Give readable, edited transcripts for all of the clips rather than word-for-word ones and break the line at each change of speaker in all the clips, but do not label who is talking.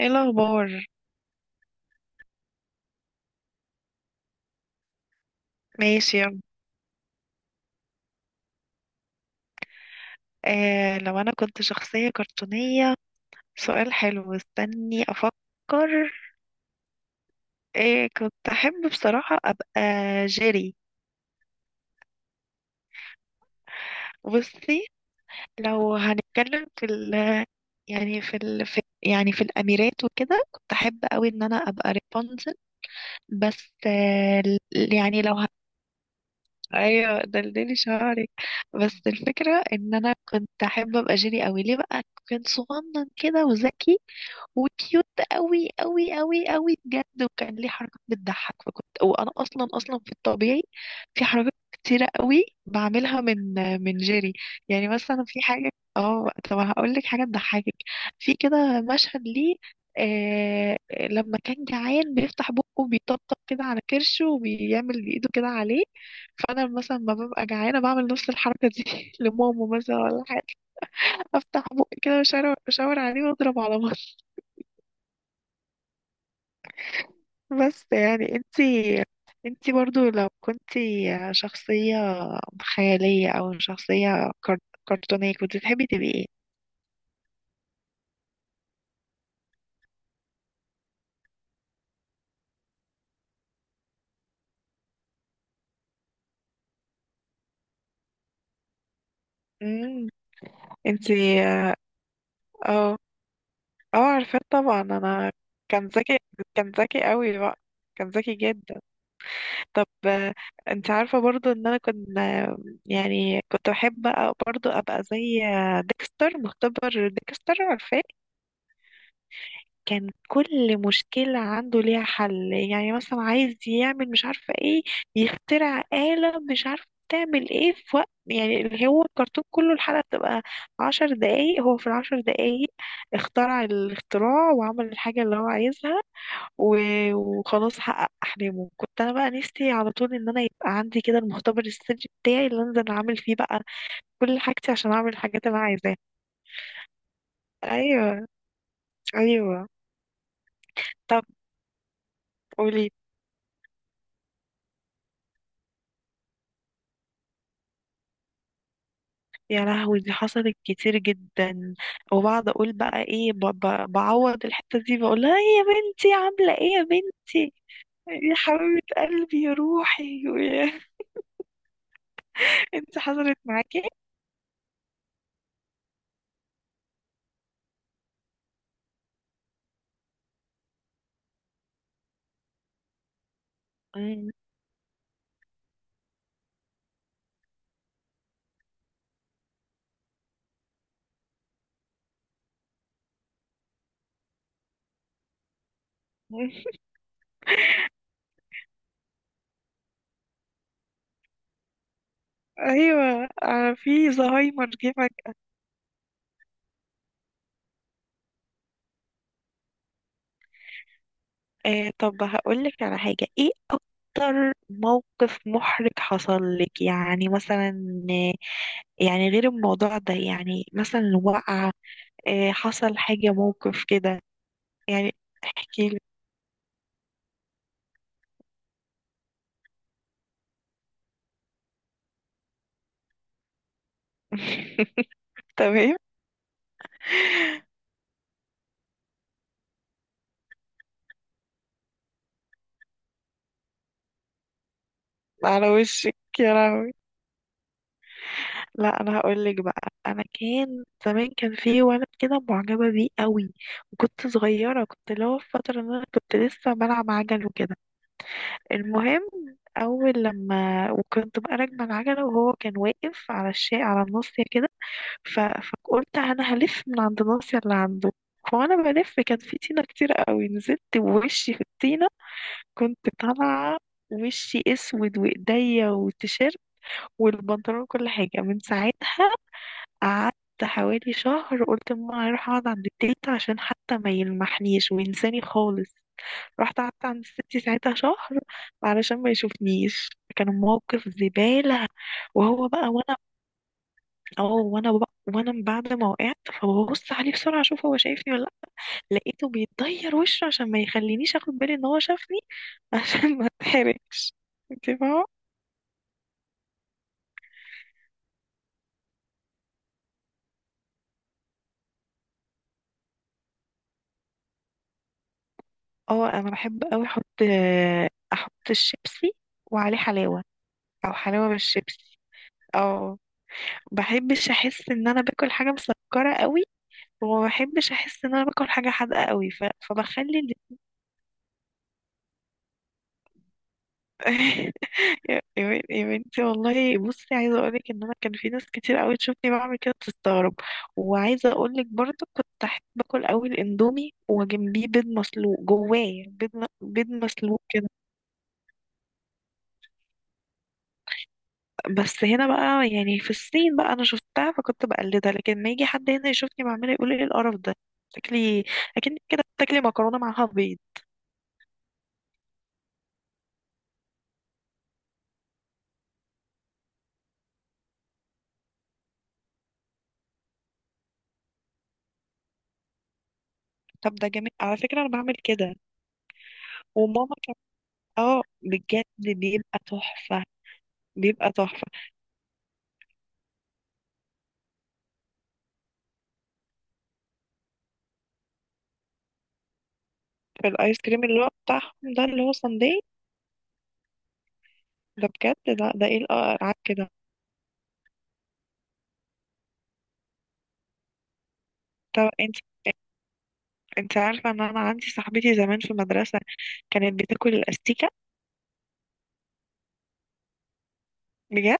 ايه الاخبار؟ ماشي يلا. آه، لو انا كنت شخصية كرتونية، سؤال حلو، استني افكر. آه، كنت احب بصراحة ابقى جيري. بصي، لو هنتكلم في ال يعني في ال في يعني في الاميرات وكده، كنت احب قوي ان انا ابقى رابنزل. بس آه، ال- يعني لو ه... ايوه دلدلي شعرك. بس الفكرة ان انا كنت احب ابقى جيري قوي. ليه بقى؟ كنت صغنن كده وذكي وكيوت قوي قوي قوي قوي بجد، وكان ليه حركات بتضحك. فكنت وانا اصلا في الطبيعي في حركات كتيره قوي بعملها من جيري. يعني مثلا في حاجه، اه طب هقول لك حاجه تضحكك. في كده مشهد ليه، آه، لما كان جعان بيفتح بقه بيطبطب كده على كرشه وبيعمل بايده كده عليه. فانا مثلا ما ببقى جعانه بعمل نفس الحركه دي لماما مثلا ولا حاجه. افتح بقي كده واشاور عليه واضرب على بطنه. بس يعني انتي، انتي برضو لو كنتي شخصية خيالية او شخصية كرتونية، كنت تحبي تبقي ايه؟ امم انتي. اه، اه عارفة طبعا انا. كان ذكي، كان ذكي قوي بقى، كان ذكي جدا. طب انت عارفة برضو ان انا كنت يعني كنت احب برضو ابقى زي ديكستر، مختبر ديكستر، عارفاه. كان كل مشكلة عنده ليها حل. يعني مثلا عايز يعمل مش عارفة ايه، يخترع آلة مش عارفة تعمل ايه في وقت، يعني اللي هو الكرتون كله الحلقة بتبقى 10 دقايق. هو في ال10 دقايق اخترع الاختراع وعمل الحاجة اللي هو عايزها وخلاص حقق أحلامه. كنت أنا بقى نفسي على طول إن أنا يبقى عندي كده المختبر السري بتاعي اللي أنزل أعمل فيه بقى كل حاجتي عشان أعمل الحاجات اللي أنا عايزاها. أيوه، أيوه. طب قولي. يا لهوي، دي حصلت كتير جدا. وبقعد اقول بقى ايه، بعوض الحته دي، بقول لها "إيه يا بنتي، عامله ايه يا بنتي، يا حبيبه قلبي، يا روحي". انت حصلت معاكي؟ مم. ايوه في زهايمر جه فجأة. آه طب هقول لك على حاجه، ايه اكتر موقف محرج حصل لك؟ يعني مثلا، آه، يعني غير الموضوع ده، يعني مثلا وقعه، حصل حاجه موقف كده يعني. احكي. تمام. على وشك. يا لهوي. لا انا هقول لك بقى، انا كان زمان كان في ولد كده معجبه بيه قوي، وكنت صغيره، كنت اللي هو في فتره ان انا كنت لسه بلعب عجل وكده. المهم اول لما وكنت بقى راكبه العجله، وهو كان واقف على الشيء، على الناصيه كده، فقلت انا هلف من عند الناصيه اللي عنده. فانا بلف، كان في طينه كتير قوي، نزلت بوشي في الطينه. كنت طالعه وشي اسود وايديا وتيشيرت والبنطلون كل حاجة. من ساعتها قعدت حوالي شهر، قلت لماما هروح اقعد عند التلت عشان حتى ما يلمحنيش وينساني خالص. رحت قعدت عند ستي ساعتها شهر علشان ما يشوفنيش. كان موقف زبالة. وهو بقى وانا، اه وانا بقى وانا بعد ما وقعت فببص عليه بسرعة اشوف هو شايفني ولا لأ، لقيته بيتغير وشه عشان ما يخلينيش اخد بالي ان هو شافني عشان ما اتحرجش. انت فاهمة؟ اه انا بحب اوي احط الشيبسي وعليه حلاوه، او حلاوه بالشيبسي. اه بحبش احس ان انا باكل حاجه مسكره قوي، وما بحبش احس ان انا باكل حاجه حادقه قوي. فبخلي يا بنتي والله، بصي عايزه اقولك ان انا كان في ناس كتير قوي تشوفني بعمل كده تستغرب. وعايزه اقولك برضو كنت احب باكل قوي الاندومي وجنبيه بيض مسلوق، جواه بيض، بيض مسلوق. بس هنا بقى، يعني في الصين بقى انا شفتها فكنت بقلدها، لكن ما يجي حد هنا يشوفني بعملها يقول ايه القرف ده. تاكلي اكن كده بتاكلي مكرونه معاها بيض. طب ده جميل على فكره، انا بعمل كده وماما كانت. اه بجد بيبقى تحفه، بيبقى تحفه. في الايس كريم اللي هو بتاعهم ده اللي هو ساندي؟ ده بجد لا، ده ايه القرف كده. طب انت، انت عارفه ان انا عندي صاحبتي زمان في المدرسه كانت بتاكل الاستيكه؟ بجد.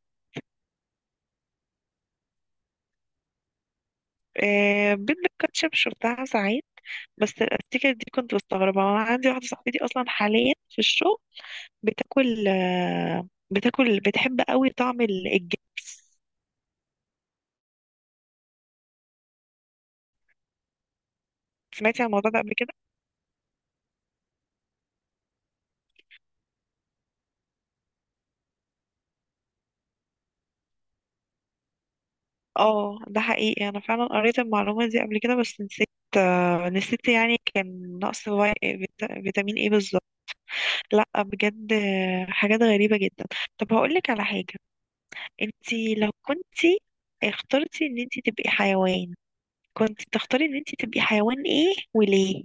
آه بيض بالكاتشب شفتها ساعات، بس الستيكر دي كنت بستغربها. أنا عندي واحدة صاحبتي أصلا حاليا في الشغل بتاكل بتاكل بتحب قوي طعم الجبس. سمعتي عن الموضوع ده قبل كده؟ اه ده حقيقي، أنا فعلا قريت المعلومة دي قبل كده بس نسيت نسيت يعني كان نقص فيتامين ايه بالظبط. لا بجد حاجات غريبة جدا. طب هقولك على حاجة، انتي لو كنتي اخترتي ان انتي تبقي حيوان، كنت تختاري ان انتي تبقي حيوان ايه وليه؟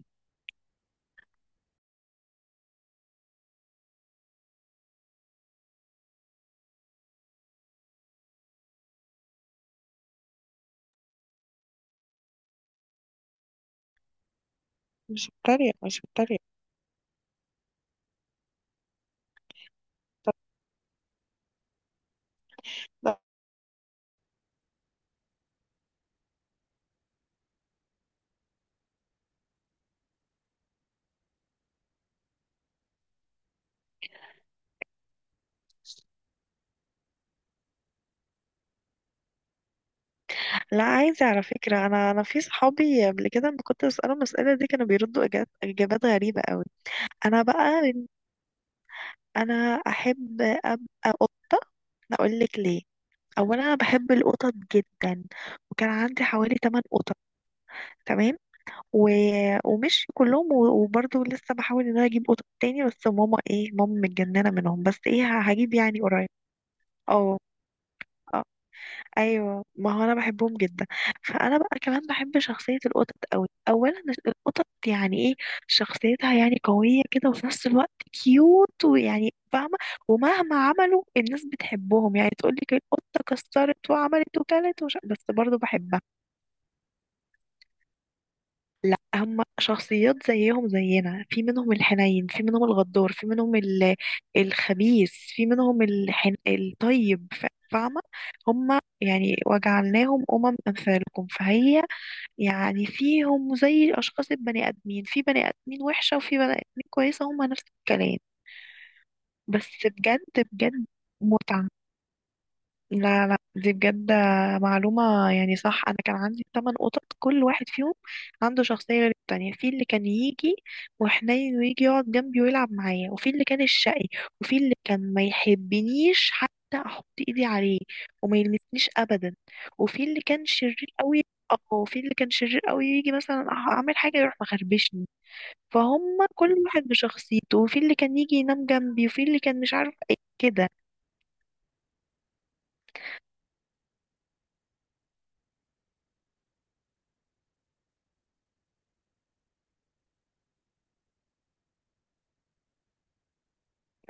مش بتريق، مش بتريق. لا لا، عايزة على فكرة، أنا في صحابي قبل كده لما كنت بسألهم المسألة دي كانوا بيردوا إجابات غريبة أوي. أنا بقى، أنا أحب أبقى قطة. أقول لك ليه. أولا أنا بحب القطط جدا، وكان عندي حوالي 8 قطط. تمام. و... ومش كلهم و... وبرضه لسه بحاول إن أنا أجيب قطط تاني، بس ماما إيه، ماما متجننة منهم، بس إيه، هجيب يعني قريب. اه. أه. ايوه ما هو انا بحبهم جدا. فانا بقى كمان بحب شخصيه القطط قوي. اولا القطط يعني ايه، شخصيتها يعني قويه كده وفي نفس الوقت كيوت، ويعني فاهمه. ومهما عملوا، الناس بتحبهم. يعني تقول لك القطه كسرت وعملت وكلت بس برضو بحبها. لا هم شخصيات زيهم زينا، في منهم الحنين، في منهم الغدار، في منهم الخبيث، في منهم الطيب. فاهمة؟ هم يعني وجعلناهم أمم أمثالكم. فهي يعني فيهم زي أشخاص البني آدمين، في بني آدمين وحشة وفي بني آدمين كويسة، هم نفس الكلام. بس بجد بجد متعة. لا لا دي بجد معلومة يعني صح. أنا كان عندي ثمان قطط، كل واحد فيهم عنده شخصية غير التانية. في اللي كان يجي وحنين ويجي يقعد جنبي ويلعب معايا، وفي اللي كان الشقي، وفي اللي كان ما يحبنيش حتى أحط إيدي عليه وما يلمسنيش أبدا، وفي اللي كان شرير قوي. اه وفي اللي كان شرير قوي، يجي مثلا أعمل حاجة يروح مخربشني. فهم كل واحد بشخصيته، وفي اللي كان يجي ينام جنبي، وفي اللي كان مش عارف ايه كده.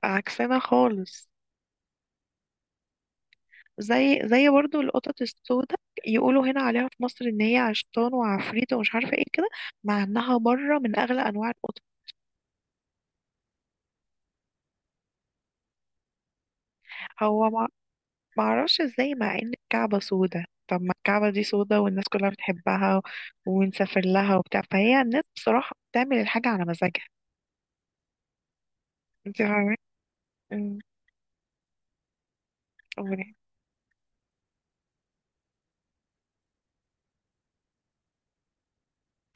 عكسنا خالص. زي، زي برضو القطط السوداء، يقولوا هنا عليها في مصر ان هي عشتان وعفريت ومش عارفه ايه كده، مع انها بره من اغلى انواع القطط. هو ما، اعرفش ازاي، مع ان الكعبه سوداء. طب ما الكعبه دي سوداء والناس كلها بتحبها ونسافر لها وبتاع. فهي الناس بصراحه بتعمل الحاجه على مزاجها. انت فاهمه؟ أمم، أمم.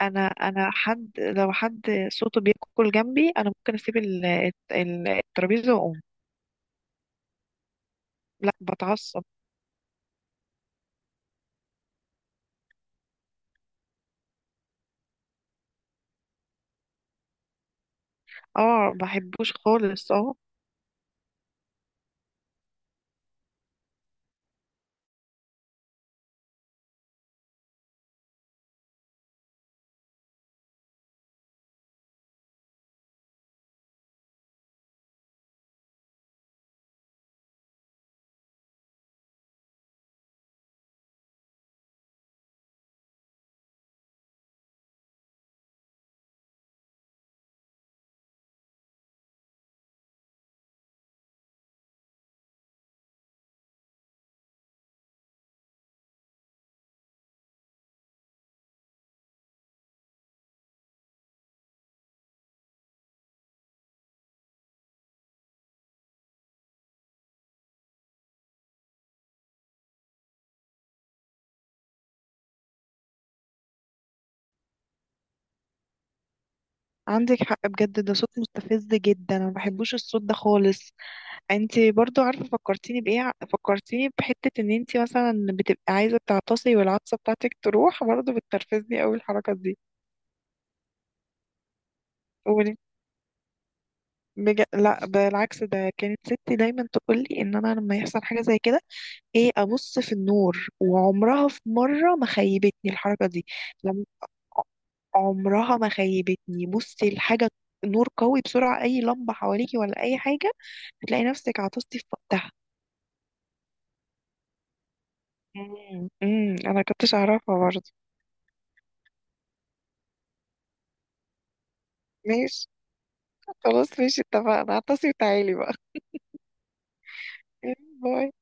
انا، حد صوته بياكل جنبي انا ممكن اسيب الترابيزه واقوم. لا بتعصب. اه بحبوش خالص، اه. عندك حق بجد، ده صوت مستفز جدا، انا ما بحبوش الصوت ده خالص. انتي برضو عارفه فكرتيني بايه، فكرتيني بحته ان انتي مثلا بتبقي عايزه تعطسي والعطسه بتاعتك تروح، برضو بتنرفزني قوي الحركه دي. قولي. لا بالعكس، ده كانت ستي دايما تقول لي ان انا لما يحصل حاجه زي كده ايه، ابص في النور، وعمرها في مره ما خيبتني الحركه دي. لما، عمرها ما خيبتني. بصي الحاجه، نور قوي بسرعه اي لمبه حواليكي ولا اي حاجه، هتلاقي نفسك عطستي في وقتها. امم، امم. انا كنتش اعرفها برضه. ماشي. خلاص ماشي اتفقنا، عطسي وتعالي بقى. باي.